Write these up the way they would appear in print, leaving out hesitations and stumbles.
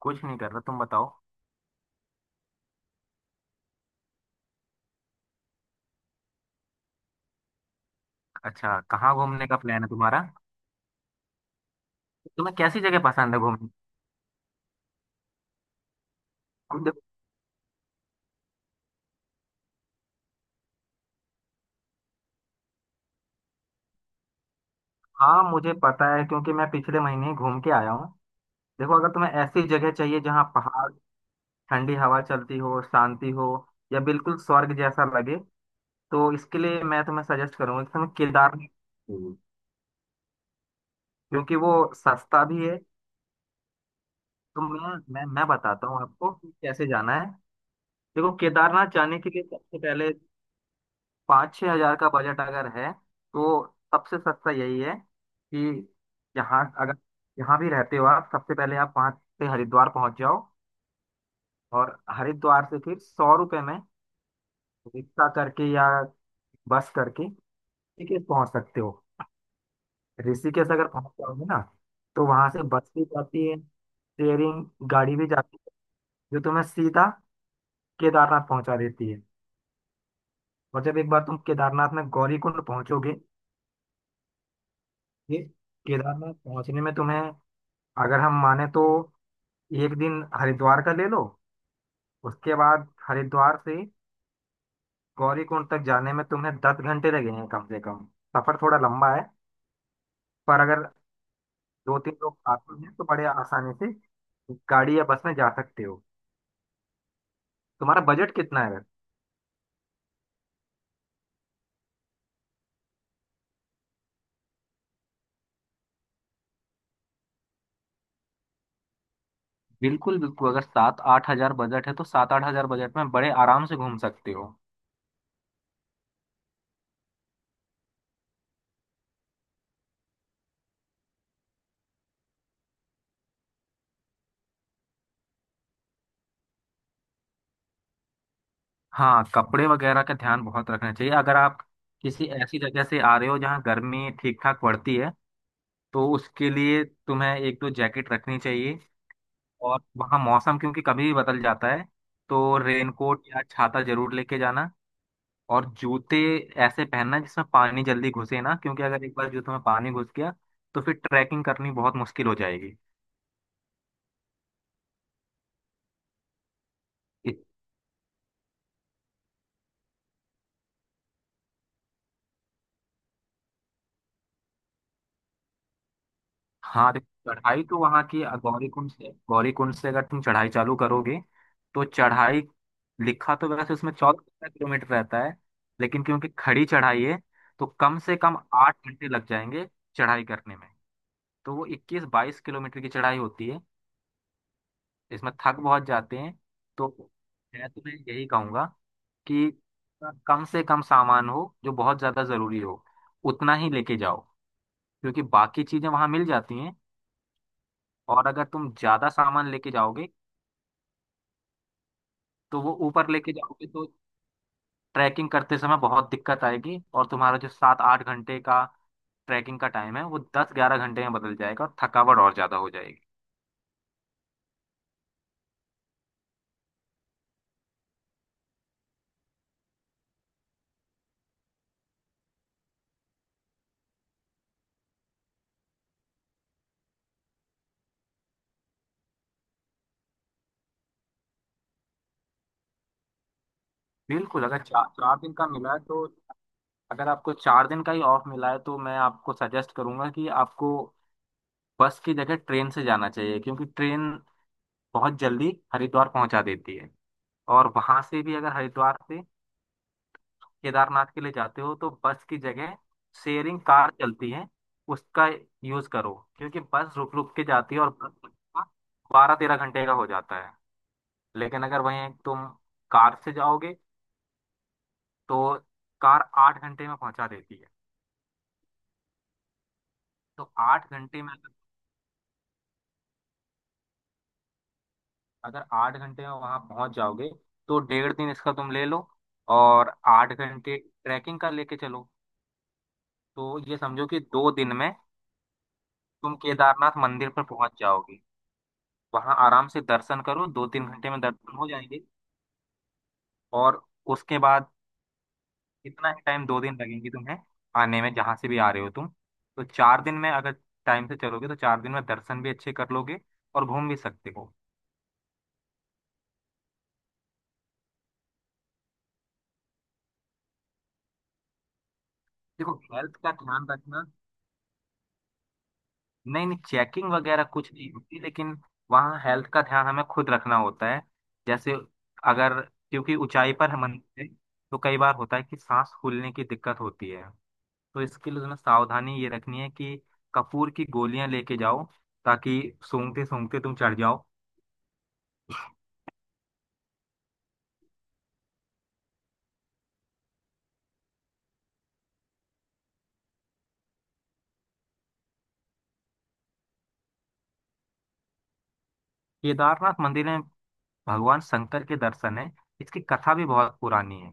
कुछ नहीं कर रहा। तुम बताओ। अच्छा, कहाँ घूमने का प्लान है तुम्हारा? तुम्हें कैसी जगह पसंद है घूमने? अब देखो। हाँ मुझे पता है, क्योंकि मैं पिछले महीने ही घूम के आया हूँ। देखो, अगर तुम्हें ऐसी जगह चाहिए जहाँ पहाड़, ठंडी हवा चलती हो, शांति हो, या बिल्कुल स्वर्ग जैसा लगे, तो इसके लिए मैं तुम्हें सजेस्ट करूंगा कि तुम्हें केदारनाथ जाइए, क्योंकि वो सस्ता भी है। तो मैं बताता हूँ आपको कि कैसे जाना है। देखो, केदारनाथ जाने के लिए सबसे पहले 5-6 हजार का बजट अगर है, तो सबसे सस्ता यही है कि यहाँ अगर यहाँ भी रहते हो आप, सबसे पहले आप वहाँ से हरिद्वार पहुँच जाओ। और हरिद्वार से फिर 100 रुपये में रिक्शा करके या बस करके ऋषिकेश पहुँच सकते हो। ऋषिकेश अगर पहुँच जाओगे ना, तो वहाँ से बस भी जाती है, शेयरिंग गाड़ी भी जाती है, जो तुम्हें सीधा केदारनाथ पहुँचा देती है। और जब एक बार तुम केदारनाथ में गौरीकुंड पहुँचोगे, ये केदारनाथ पहुँचने में तुम्हें, अगर हम माने तो, एक दिन हरिद्वार का ले लो। उसके बाद हरिद्वार से गौरीकुंड तक जाने में तुम्हें 10 घंटे लगेंगे कम से कम। सफर थोड़ा लंबा है, पर अगर दो तीन लोग आते हैं तो बड़े आसानी से गाड़ी या बस में जा सकते हो। तुम्हारा बजट कितना है? बिल्कुल बिल्कुल, अगर 7-8 हजार बजट है तो 7-8 हजार बजट में बड़े आराम से घूम सकते हो। हाँ, कपड़े वगैरह का ध्यान बहुत रखना चाहिए अगर आप किसी ऐसी जगह से आ रहे हो जहाँ गर्मी ठीक ठाक पड़ती है। तो उसके लिए तुम्हें एक दो जैकेट रखनी चाहिए। और वहाँ मौसम क्योंकि कभी भी बदल जाता है, तो रेनकोट या छाता जरूर लेके जाना। और जूते ऐसे पहनना जिसमें पानी जल्दी घुसे ना, क्योंकि अगर एक बार जूते में पानी घुस गया तो फिर ट्रैकिंग करनी बहुत मुश्किल हो जाएगी। हाँ देखो, चढ़ाई तो वहाँ की गौरी कुंड से, अगर तुम चढ़ाई चालू करोगे तो चढ़ाई, लिखा तो वैसे उसमें 14-15 किलोमीटर रहता है, लेकिन क्योंकि खड़ी चढ़ाई है तो कम से कम 8 घंटे लग जाएंगे चढ़ाई करने में। तो वो 21-22 किलोमीटर की चढ़ाई होती है। इसमें थक बहुत जाते हैं। तो मैं तुम्हें यही कहूंगा कि कम से कम सामान हो, जो बहुत ज्यादा जरूरी हो उतना ही लेके जाओ, क्योंकि बाकी चीजें वहां मिल जाती हैं। और अगर तुम ज्यादा सामान लेके जाओगे, तो वो ऊपर लेके जाओगे तो ट्रैकिंग करते समय बहुत दिक्कत आएगी, और तुम्हारा जो 7-8 घंटे का ट्रैकिंग का टाइम है वो 10-11 घंटे में बदल जाएगा, और थकावट और ज्यादा हो जाएगी। बिल्कुल, अगर चार चार दिन का मिला है तो, अगर आपको 4 दिन का ही ऑफ मिला है, तो मैं आपको सजेस्ट करूंगा कि आपको बस की जगह ट्रेन से जाना चाहिए, क्योंकि ट्रेन बहुत जल्दी हरिद्वार पहुंचा देती है। और वहां से भी, अगर हरिद्वार से केदारनाथ के लिए जाते हो तो बस की जगह शेयरिंग कार चलती है, उसका यूज करो, क्योंकि बस रुक रुक के जाती है और बस 12-13 घंटे का हो जाता है। लेकिन अगर वहीं तुम कार से जाओगे तो कार 8 घंटे में पहुंचा देती है। तो 8 घंटे में अगर, अगर 8 घंटे में वहां पहुंच जाओगे तो 1.5 दिन इसका तुम ले लो, और 8 घंटे ट्रैकिंग का लेके चलो। तो ये समझो कि 2 दिन में तुम केदारनाथ मंदिर पर पहुंच जाओगे। वहाँ आराम से दर्शन करो, 2-3 घंटे में दर्शन हो जाएंगे। और उसके बाद, इतना ही टाइम, 2 दिन लगेंगे तुम्हें आने में, जहाँ से भी आ रहे हो तुम। तो 4 दिन में अगर टाइम से चलोगे तो 4 दिन में दर्शन भी अच्छे कर लोगे और घूम भी सकते हो। देखो, हेल्थ का ध्यान रखना। नहीं नहीं, चेकिंग वगैरह कुछ नहीं होती, लेकिन वहाँ हेल्थ का ध्यान हमें खुद रखना होता है। जैसे, अगर, क्योंकि ऊंचाई पर हम, मंदिर है, तो कई बार होता है कि सांस फूलने की दिक्कत होती है। तो इसके लिए तुम्हें सावधानी ये रखनी है कि कपूर की गोलियां लेके जाओ, ताकि सूंघते सूंघते तुम चढ़ जाओ। केदारनाथ मंदिर में भगवान शंकर के दर्शन है। इसकी कथा भी बहुत पुरानी है।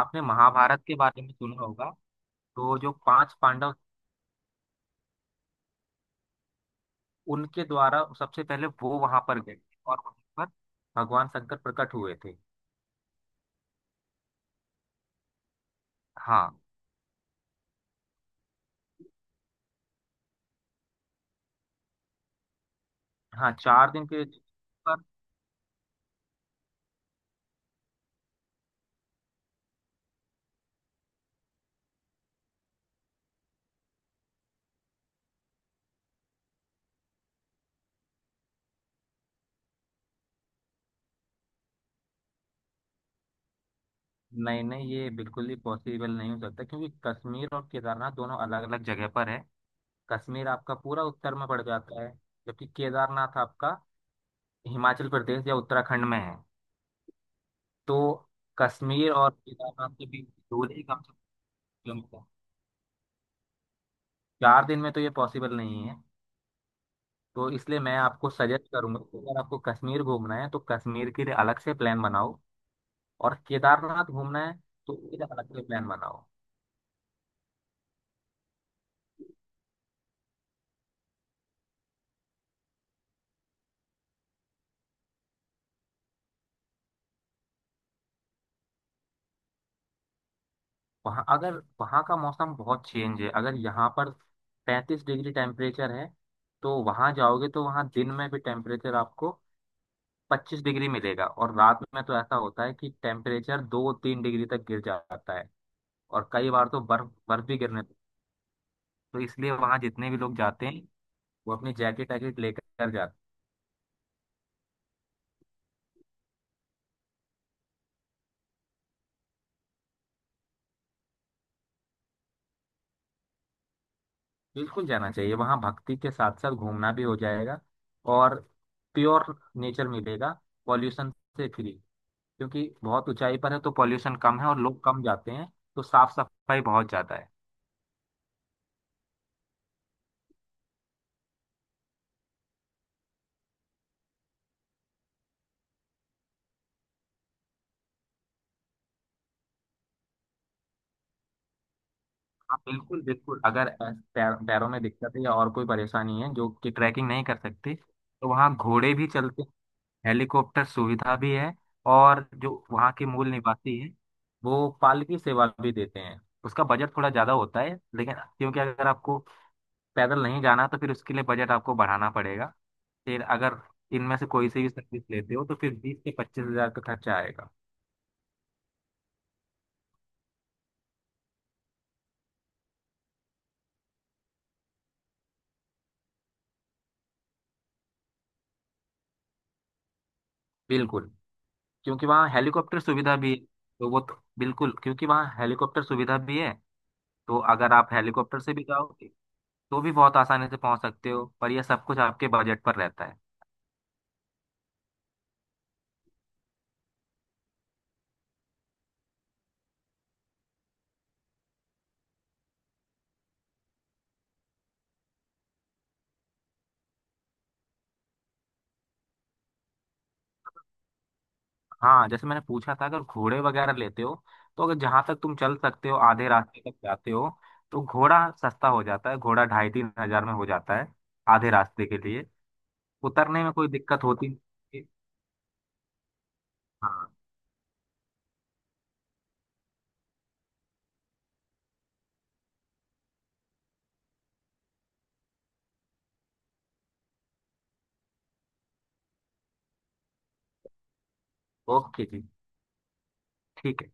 आपने महाभारत के बारे में सुना होगा। तो जो पांच पांडव, उनके द्वारा सबसे पहले वो वहां पर गए, और वहां पर भगवान शंकर प्रकट हुए थे। हाँ। हाँ, 4 दिन के, पर नहीं नहीं, ये बिल्कुल ही पॉसिबल नहीं हो सकता, क्योंकि कश्मीर और केदारनाथ दोनों अलग अलग जगह पर है। कश्मीर आपका पूरा उत्तर में पड़ जाता है, जबकि केदारनाथ आपका हिमाचल प्रदेश या उत्तराखंड में है। तो कश्मीर और केदारनाथ के बीच दूरी ही कम से कम किलोमीटर, 4 दिन में तो ये पॉसिबल नहीं है। तो इसलिए मैं आपको सजेस्ट करूंगा कि अगर आपको कश्मीर घूमना है तो कश्मीर के लिए अलग से प्लान बनाओ, और केदारनाथ घूमना है तो फिर अलग से प्लान बनाओ। वहाँ अगर, वहाँ का मौसम बहुत चेंज है। अगर यहाँ पर 35 डिग्री टेम्परेचर है, तो वहाँ जाओगे तो वहाँ दिन में भी टेम्परेचर आपको 25 डिग्री मिलेगा, और रात में तो ऐसा होता है कि टेम्परेचर 2-3 डिग्री तक गिर जाता है। और कई बार तो बर्फ बर्फ भी गिरने। तो इसलिए वहां जितने भी लोग जाते हैं, वो अपनी जैकेट वैकेट लेकर जाते हैं। बिल्कुल जाना चाहिए, वहां भक्ति के साथ साथ घूमना भी हो जाएगा। और प्योर नेचर मिलेगा, पॉल्यूशन से फ्री, क्योंकि बहुत ऊंचाई पर है तो पॉल्यूशन कम है और लोग कम जाते हैं, तो साफ सफाई बहुत ज्यादा है। हाँ बिल्कुल बिल्कुल, अगर पैरों में दिक्कत है या और कोई परेशानी है जो कि ट्रैकिंग नहीं कर सकती, तो वहाँ घोड़े भी चलते हैं, हेलीकॉप्टर सुविधा भी है, और जो वहाँ के मूल निवासी हैं वो पालकी सेवा भी देते हैं। उसका बजट थोड़ा ज़्यादा होता है, लेकिन क्योंकि अगर आपको पैदल नहीं जाना, तो फिर उसके लिए बजट आपको बढ़ाना पड़ेगा। फिर अगर इनमें से कोई से भी सर्विस लेते हो तो फिर 20-25 हजार का खर्चा आएगा। बिल्कुल, क्योंकि वहाँ हेलीकॉप्टर सुविधा भी है, तो वो तो बिल्कुल, क्योंकि वहाँ हेलीकॉप्टर सुविधा भी है, तो अगर आप हेलीकॉप्टर से भी जाओगे तो भी बहुत आसानी से पहुंच सकते हो, पर यह सब कुछ आपके बजट पर रहता है। हाँ, जैसे मैंने पूछा था, अगर घोड़े वगैरह लेते हो, तो अगर जहाँ तक तुम चल सकते हो आधे रास्ते तक जाते हो, तो घोड़ा सस्ता हो जाता है, घोड़ा 2.5-3 हजार में हो जाता है आधे रास्ते के लिए। उतरने में कोई दिक्कत होती नहीं। हाँ। ओके जी। ठीक है।